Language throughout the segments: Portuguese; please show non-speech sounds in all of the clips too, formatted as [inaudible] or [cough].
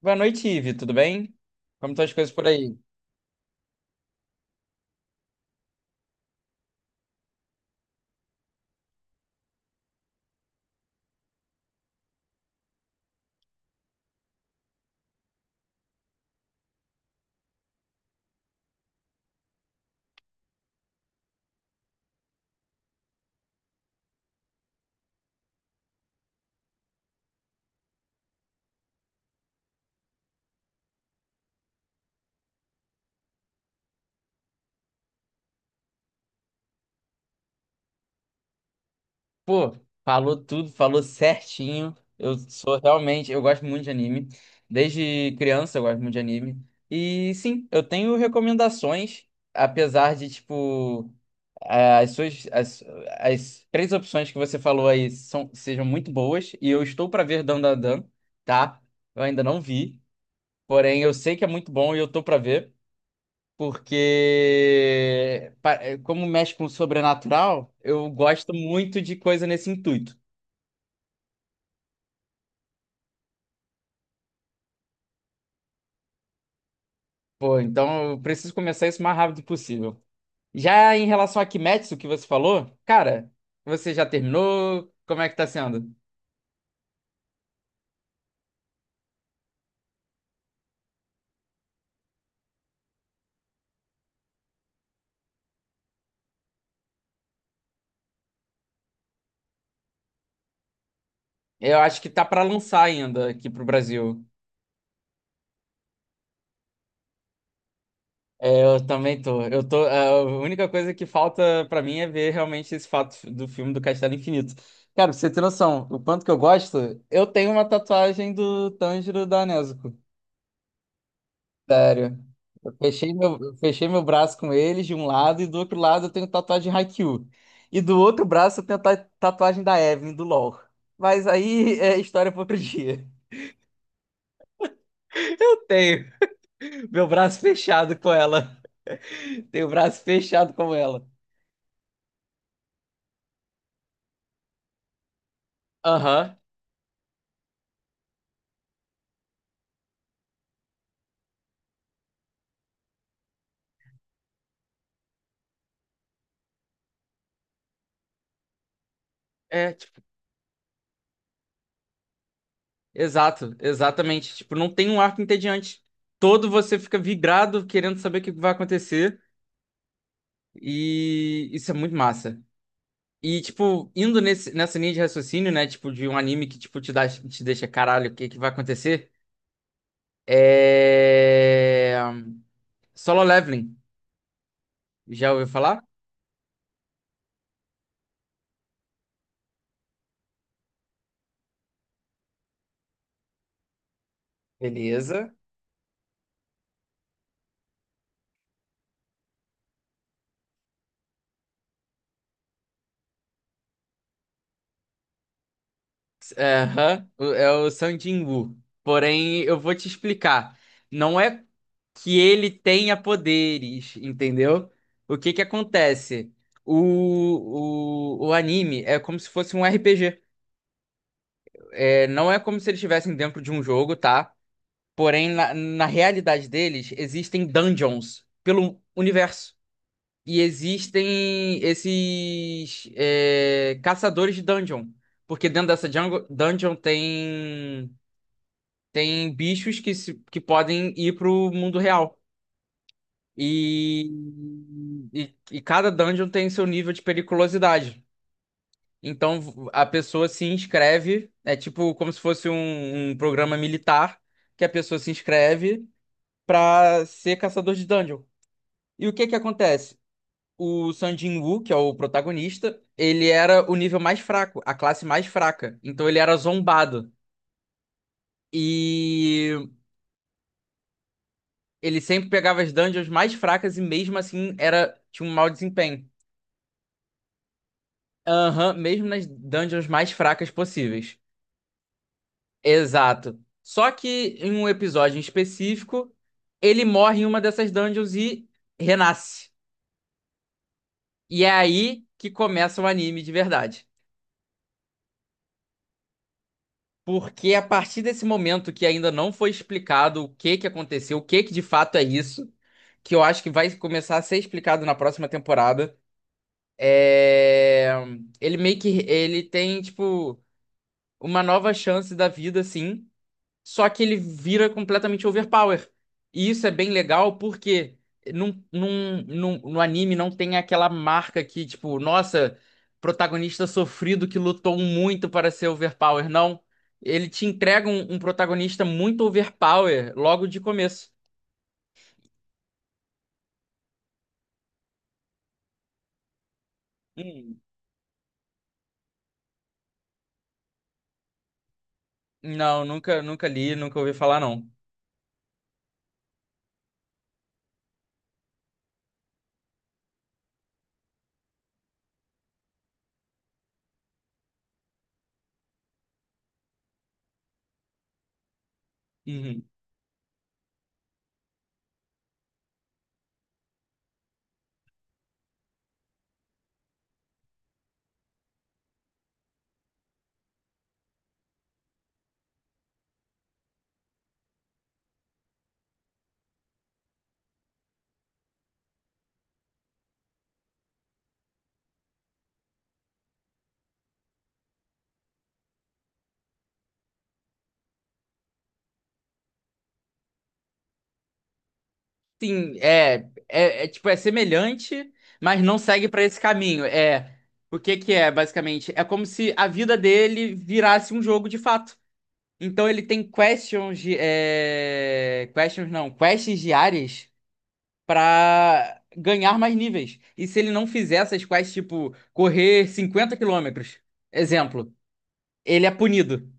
Boa noite, Ivi, tudo bem? Como estão as coisas por aí? Pô, falou tudo, falou certinho. Eu gosto muito de anime. Desde criança eu gosto muito de anime. E sim, eu tenho recomendações, apesar de tipo, eh, as suas, as, as três opções que você falou aí são, sejam muito boas. E eu estou para ver Dandadan, tá? Eu ainda não vi, porém eu sei que é muito bom e eu tô para ver. Porque como mexe com o sobrenatural, eu gosto muito de coisa nesse intuito. Pô, então eu preciso começar isso o mais rápido possível. Já em relação a Kimetsu, que você falou, cara, você já terminou? Como é que tá sendo? Eu acho que tá pra lançar ainda aqui pro Brasil. É, eu também tô. Eu tô. A única coisa que falta pra mim é ver realmente esse fato do filme do Castelo Infinito. Cara, pra você ter noção, o quanto que eu gosto, eu tenho uma tatuagem do Tanjiro da Nezuko. Sério. Eu fechei meu braço com eles de um lado e do outro lado eu tenho tatuagem de Haikyuu. E do outro braço eu tenho tatuagem da Evelyn, do LoL. Mas aí é história para outro [laughs] dia. Eu tenho meu braço fechado com ela. Tenho o braço fechado com ela. Aham. É, tipo, Exato, exatamente. Tipo, não tem um arco entediante. Todo você fica vibrado querendo saber o que vai acontecer. E isso é muito massa. E, tipo, indo nessa linha de raciocínio, né? Tipo, de um anime que, tipo, te deixa, caralho, o que que vai acontecer? É... Solo Leveling. Já ouviu falar? Beleza. É, aham. É o Sung Jin-woo. Porém, eu vou te explicar. Não é que ele tenha poderes, entendeu? O que que acontece? O anime é como se fosse um RPG. É, não é como se eles estivessem dentro de um jogo, tá? Porém, na realidade deles, existem dungeons pelo universo. E existem esses caçadores de dungeon. Porque dentro dessa dungeon tem, tem bichos que, se- que podem ir pro mundo real. E, e cada dungeon tem seu nível de periculosidade. Então a pessoa se inscreve, é tipo como se fosse um programa militar, que a pessoa se inscreve pra ser caçador de dungeon. E o que que acontece? O Sun Jin-woo, que é o protagonista, ele era o nível mais fraco, a classe mais fraca. Então ele era zombado. E ele sempre pegava as dungeons mais fracas e mesmo assim era tinha um mau desempenho. Aham, mesmo nas dungeons mais fracas possíveis. Exato. Só que em um episódio em específico, ele morre em uma dessas dungeons e renasce. E é aí que começa o anime de verdade. Porque a partir desse momento que ainda não foi explicado o que que aconteceu, o que que de fato é isso, que eu acho que vai começar a ser explicado na próxima temporada, é... ele meio que ele tem tipo uma nova chance da vida, assim, só que ele vira completamente overpower. E isso é bem legal porque no anime não tem aquela marca que, tipo, nossa, protagonista sofrido que lutou muito para ser overpower. Não. Ele te entrega um protagonista muito overpower logo de começo. Hum. Não, nunca li, nunca ouvi falar, não. Uhum. Sim, é semelhante, mas não segue para esse caminho. É, o que que é, basicamente? É como se a vida dele virasse um jogo de fato. Então ele tem questions, de- é, questions não, quests diárias para ganhar mais níveis. E se ele não fizer essas quests, tipo, correr 50 quilômetros, exemplo, ele é punido.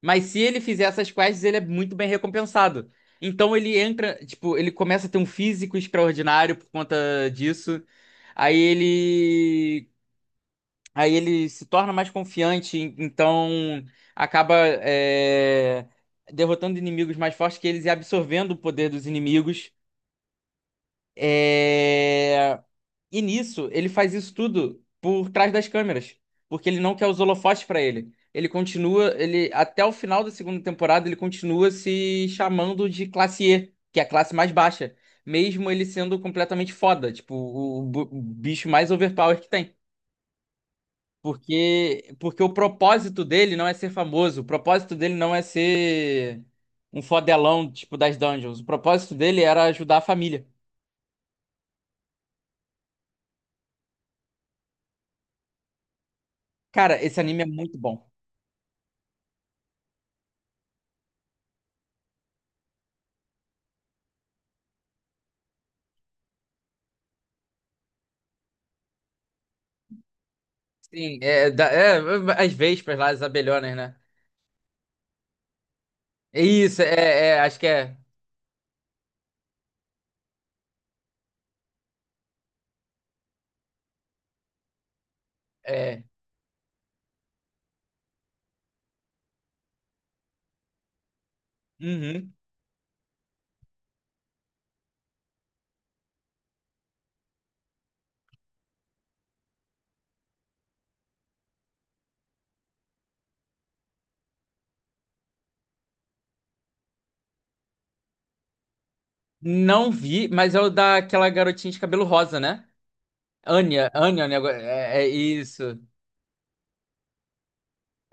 Mas se ele fizer essas quests, ele é muito bem recompensado. Então ele entra, tipo, ele começa a ter um físico extraordinário por conta disso. Aí ele, Aí ele se torna mais confiante, então acaba é, derrotando inimigos mais fortes que eles e absorvendo o poder dos inimigos. É, e nisso, ele faz isso tudo por trás das câmeras, porque ele não quer os holofotes pra ele. Ele até o final da segunda temporada, ele continua se chamando de classe E, que é a classe mais baixa, mesmo ele sendo completamente foda, tipo, o bicho mais overpower que tem. Porque o propósito dele não é ser famoso, o propósito dele não é ser um fodelão, tipo, das dungeons. O propósito dele era ajudar a família. Cara, esse anime é muito bom. Sim, as vespas lá, as abelhonas, né? É isso, é, acho que é, é. Uhum. Não vi, mas é o daquela garotinha de cabelo rosa, né? Anya, é isso.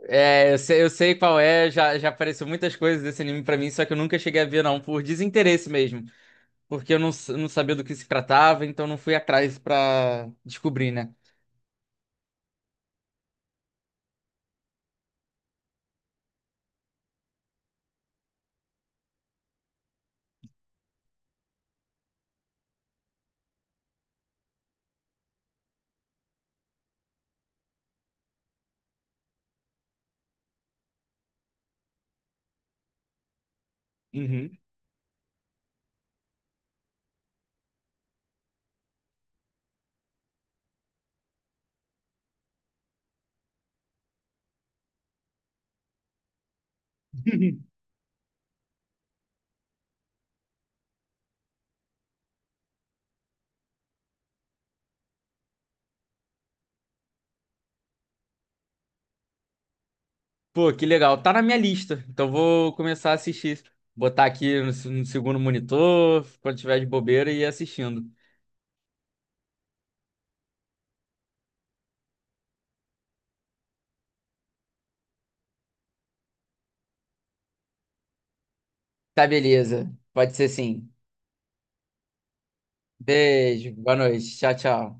É, eu sei qual é, já apareceu muitas coisas desse anime pra mim, só que eu nunca cheguei a ver, não, por desinteresse mesmo. Porque eu não, s- não sabia do que se tratava, então não fui atrás pra descobrir, né? Uhum. [laughs] Pô, que legal. Tá na minha lista. Então vou começar a assistir. Botar aqui no, no segundo monitor, quando tiver de bobeira, e ir assistindo. Tá, beleza. Pode ser sim. Beijo, boa noite. Tchau, tchau.